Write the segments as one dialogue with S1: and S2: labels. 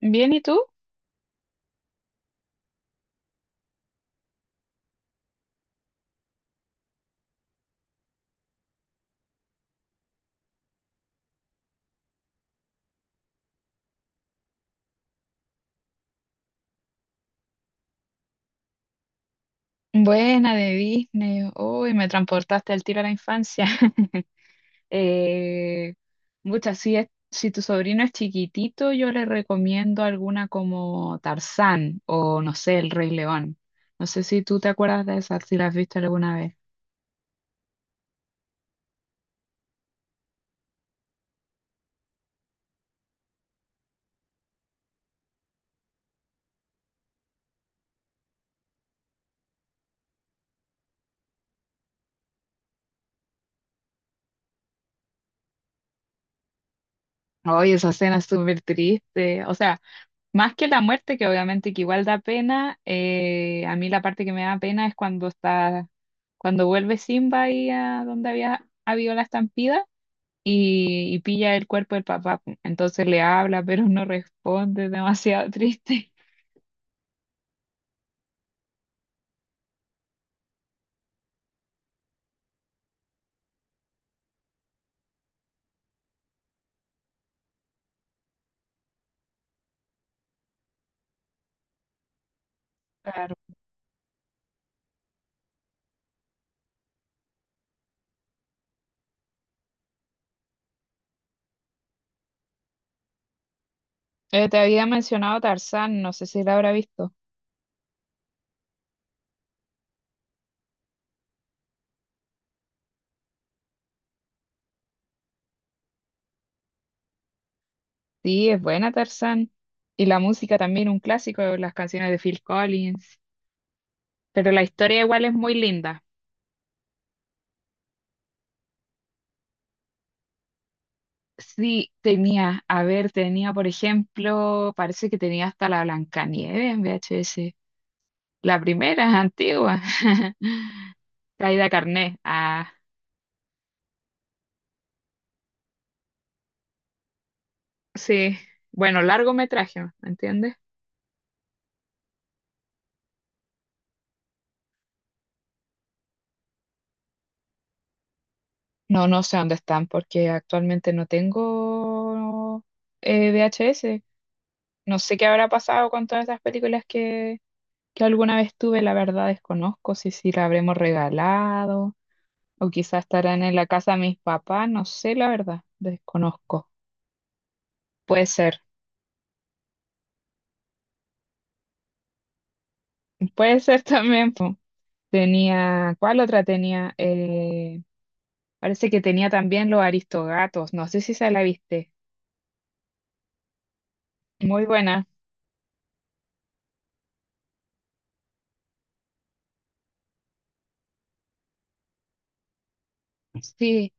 S1: Bien, ¿y tú? Buena de Disney. Uy, me transportaste al tiro a la infancia. Eh, mucha, si tu sobrino es chiquitito, yo le recomiendo alguna como Tarzán o no sé, El Rey León. No sé si tú te acuerdas de esa, si la has visto alguna vez. Oye, esa escena es súper triste. O sea, más que la muerte, que obviamente que igual da pena, a mí la parte que me da pena es cuando vuelve Simba ahí a donde había habido la estampida y pilla el cuerpo del papá, pu. entonces le habla, pero no responde, demasiado triste. Claro. Te había mencionado Tarzán, no sé si la habrá visto. Sí, es buena Tarzán. Y la música también, un clásico, las canciones de Phil Collins. Pero la historia igual es muy linda. Sí, a ver, tenía, por ejemplo, parece que tenía hasta la Blancanieves en VHS. La primera, antigua. Caída Carné. Ah, sí. Bueno, largometraje, ¿me entiendes? No, no sé dónde están porque actualmente no tengo VHS. No sé qué habrá pasado con todas esas que alguna vez tuve, la verdad desconozco si la habremos regalado o quizás estarán en la casa de mis papás, no sé, la verdad, desconozco. Puede ser, puede ser también, po. Tenía, ¿cuál otra tenía? Parece que tenía también Los Aristogatos, no sé si se la viste. Muy buena, sí,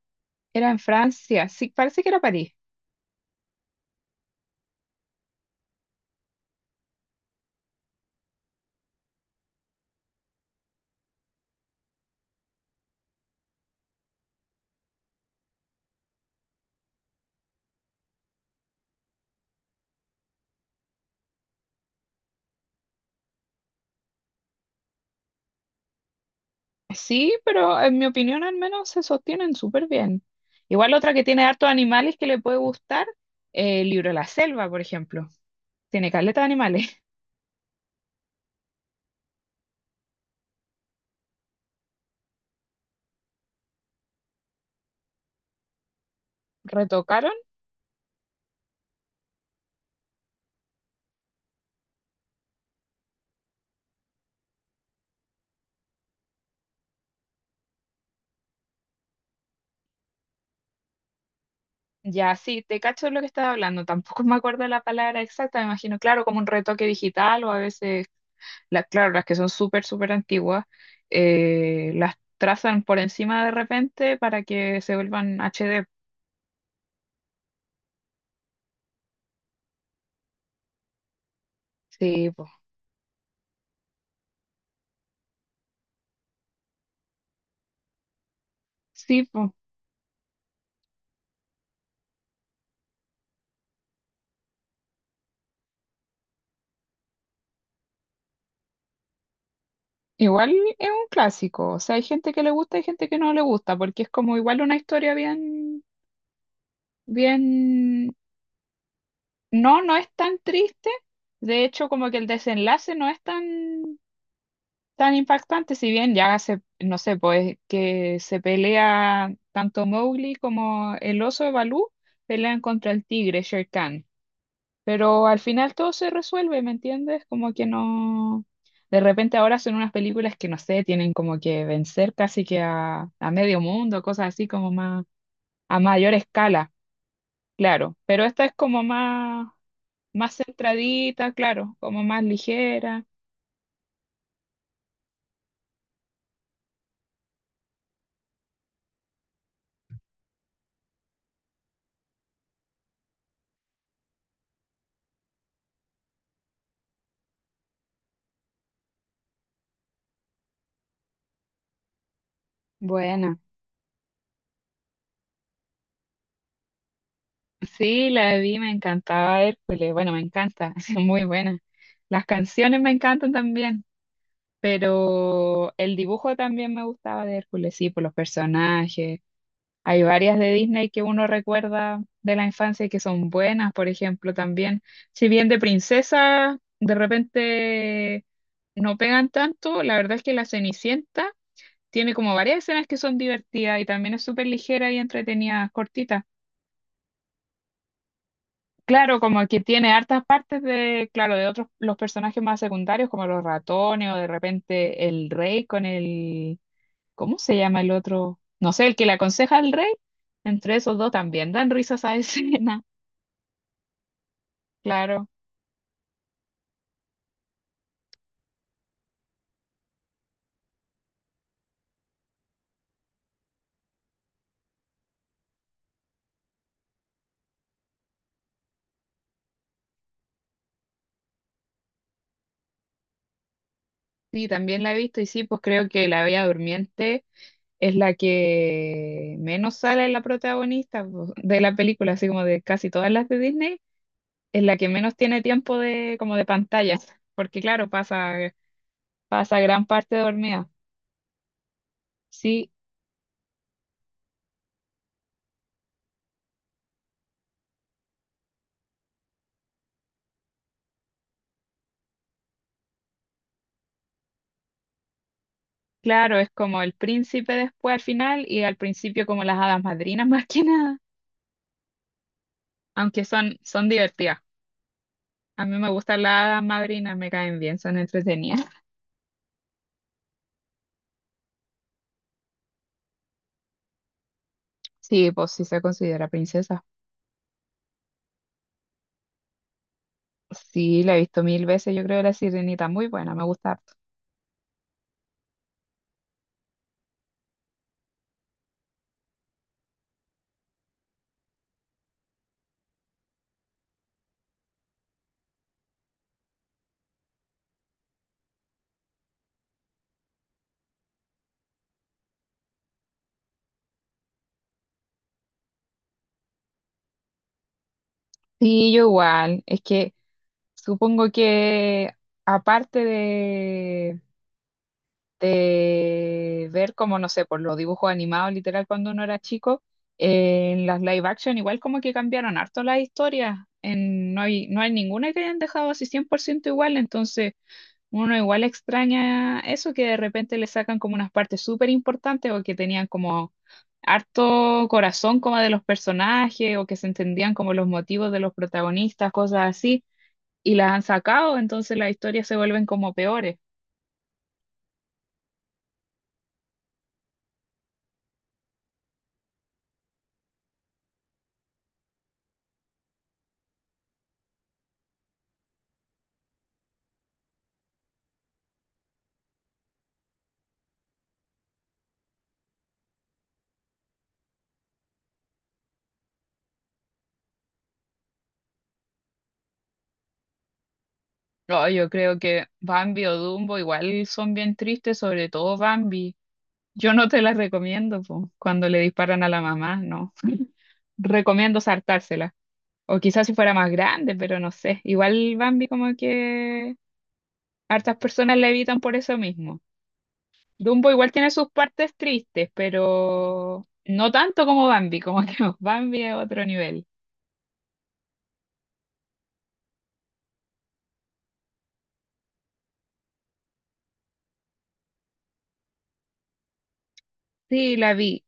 S1: era en Francia, sí, parece que era París. Sí, pero en mi opinión al menos se sostienen súper bien. Igual otra que tiene hartos animales que le puede gustar, el libro de la selva, por ejemplo. Tiene caleta de animales. ¿Retocaron? Ya, sí, te cacho lo que estaba hablando. Tampoco me acuerdo la palabra exacta, me imagino, claro, como un retoque digital o a veces, las claro, las que son súper, súper antiguas, las trazan por encima de repente para que se vuelvan HD. Sí, pues. Sí, po. Igual es un clásico, o sea, hay gente que le gusta hay gente que no le gusta, porque es como igual una historia bien, bien, no, no es tan triste, de hecho como que el desenlace no es tan, tan impactante, si bien ya se, no sé, pues que se pelea tanto Mowgli como el oso de Balú, pelean contra el tigre Shere Khan. Pero al final todo se resuelve, ¿me entiendes? Como que no... De repente ahora son unas películas que, no sé, tienen como que vencer casi que a medio mundo, cosas así como más a mayor escala, claro. Pero esta es como más, más centradita, claro, como más ligera. Buena. Sí, la vi, me encantaba Hércules, bueno, me encanta, es muy buena. Las canciones me encantan también, pero el dibujo también me gustaba de Hércules, sí, por los personajes. Hay varias de Disney que uno recuerda de la infancia y que son buenas, por ejemplo, también. Si bien de princesa, de repente no pegan tanto, la verdad es que La Cenicienta tiene como varias escenas que son divertidas y también es súper ligera y entretenida, cortita. Claro, como que tiene hartas partes de, claro, de otros, los personajes más secundarios, como los ratones o de repente el rey con el ¿cómo se llama el otro? No sé, el que le aconseja al rey. Entre esos dos también dan risas a esa escena, claro. Sí, también la he visto y sí, pues creo que la Bella Durmiente es la que menos sale la protagonista pues, de la película, así como de casi todas las de Disney, es la que menos tiene tiempo de como de pantallas, porque claro, pasa gran parte dormida. Sí, claro, es como el príncipe después al final y al principio como las hadas madrinas más que nada, aunque son divertidas. A mí me gusta la hada madrina, me caen bien, son entretenidas. Sí, pues sí se considera princesa. Sí, la he visto mil veces, yo creo la sirenita muy buena, me gusta harto. Sí, yo igual, es que supongo que aparte de ver como, no sé, por los dibujos animados, literal, cuando uno era chico, en las live action igual como que cambiaron harto las historias, en, no hay ninguna que hayan dejado así 100% igual, entonces... Uno igual extraña eso, que de repente le sacan como unas partes súper importantes o que tenían como harto corazón como de los personajes o que se entendían como los motivos de los protagonistas, cosas así, y las han sacado, entonces las historias se vuelven como peores. No, yo creo que Bambi o Dumbo igual son bien tristes, sobre todo Bambi. Yo no te las recomiendo, po, cuando le disparan a la mamá, no. Recomiendo saltárselas. O quizás si fuera más grande, pero no sé. Igual Bambi como que hartas personas la evitan por eso mismo. Dumbo igual tiene sus partes tristes, pero no tanto como Bambi, como que Bambi es otro nivel. Sí, la vi.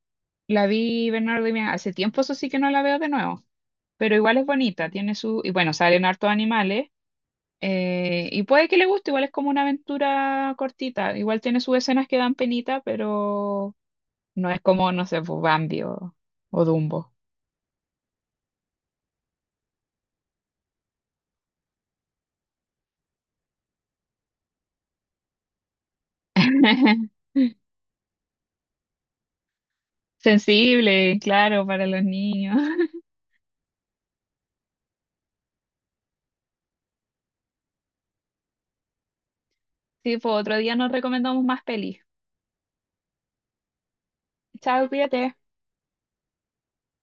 S1: La vi Bernardo y Bianca. Hace tiempo eso sí que no la veo de nuevo, pero igual es bonita, tiene su... Y bueno, salen hartos animales y puede que le guste, igual es como una aventura cortita, igual tiene sus escenas que dan penita, pero no es como, no sé, pues, Bambi o Dumbo. Sensible, claro, para los niños. Sí, pues otro día nos recomendamos más pelis. Chao, cuídate.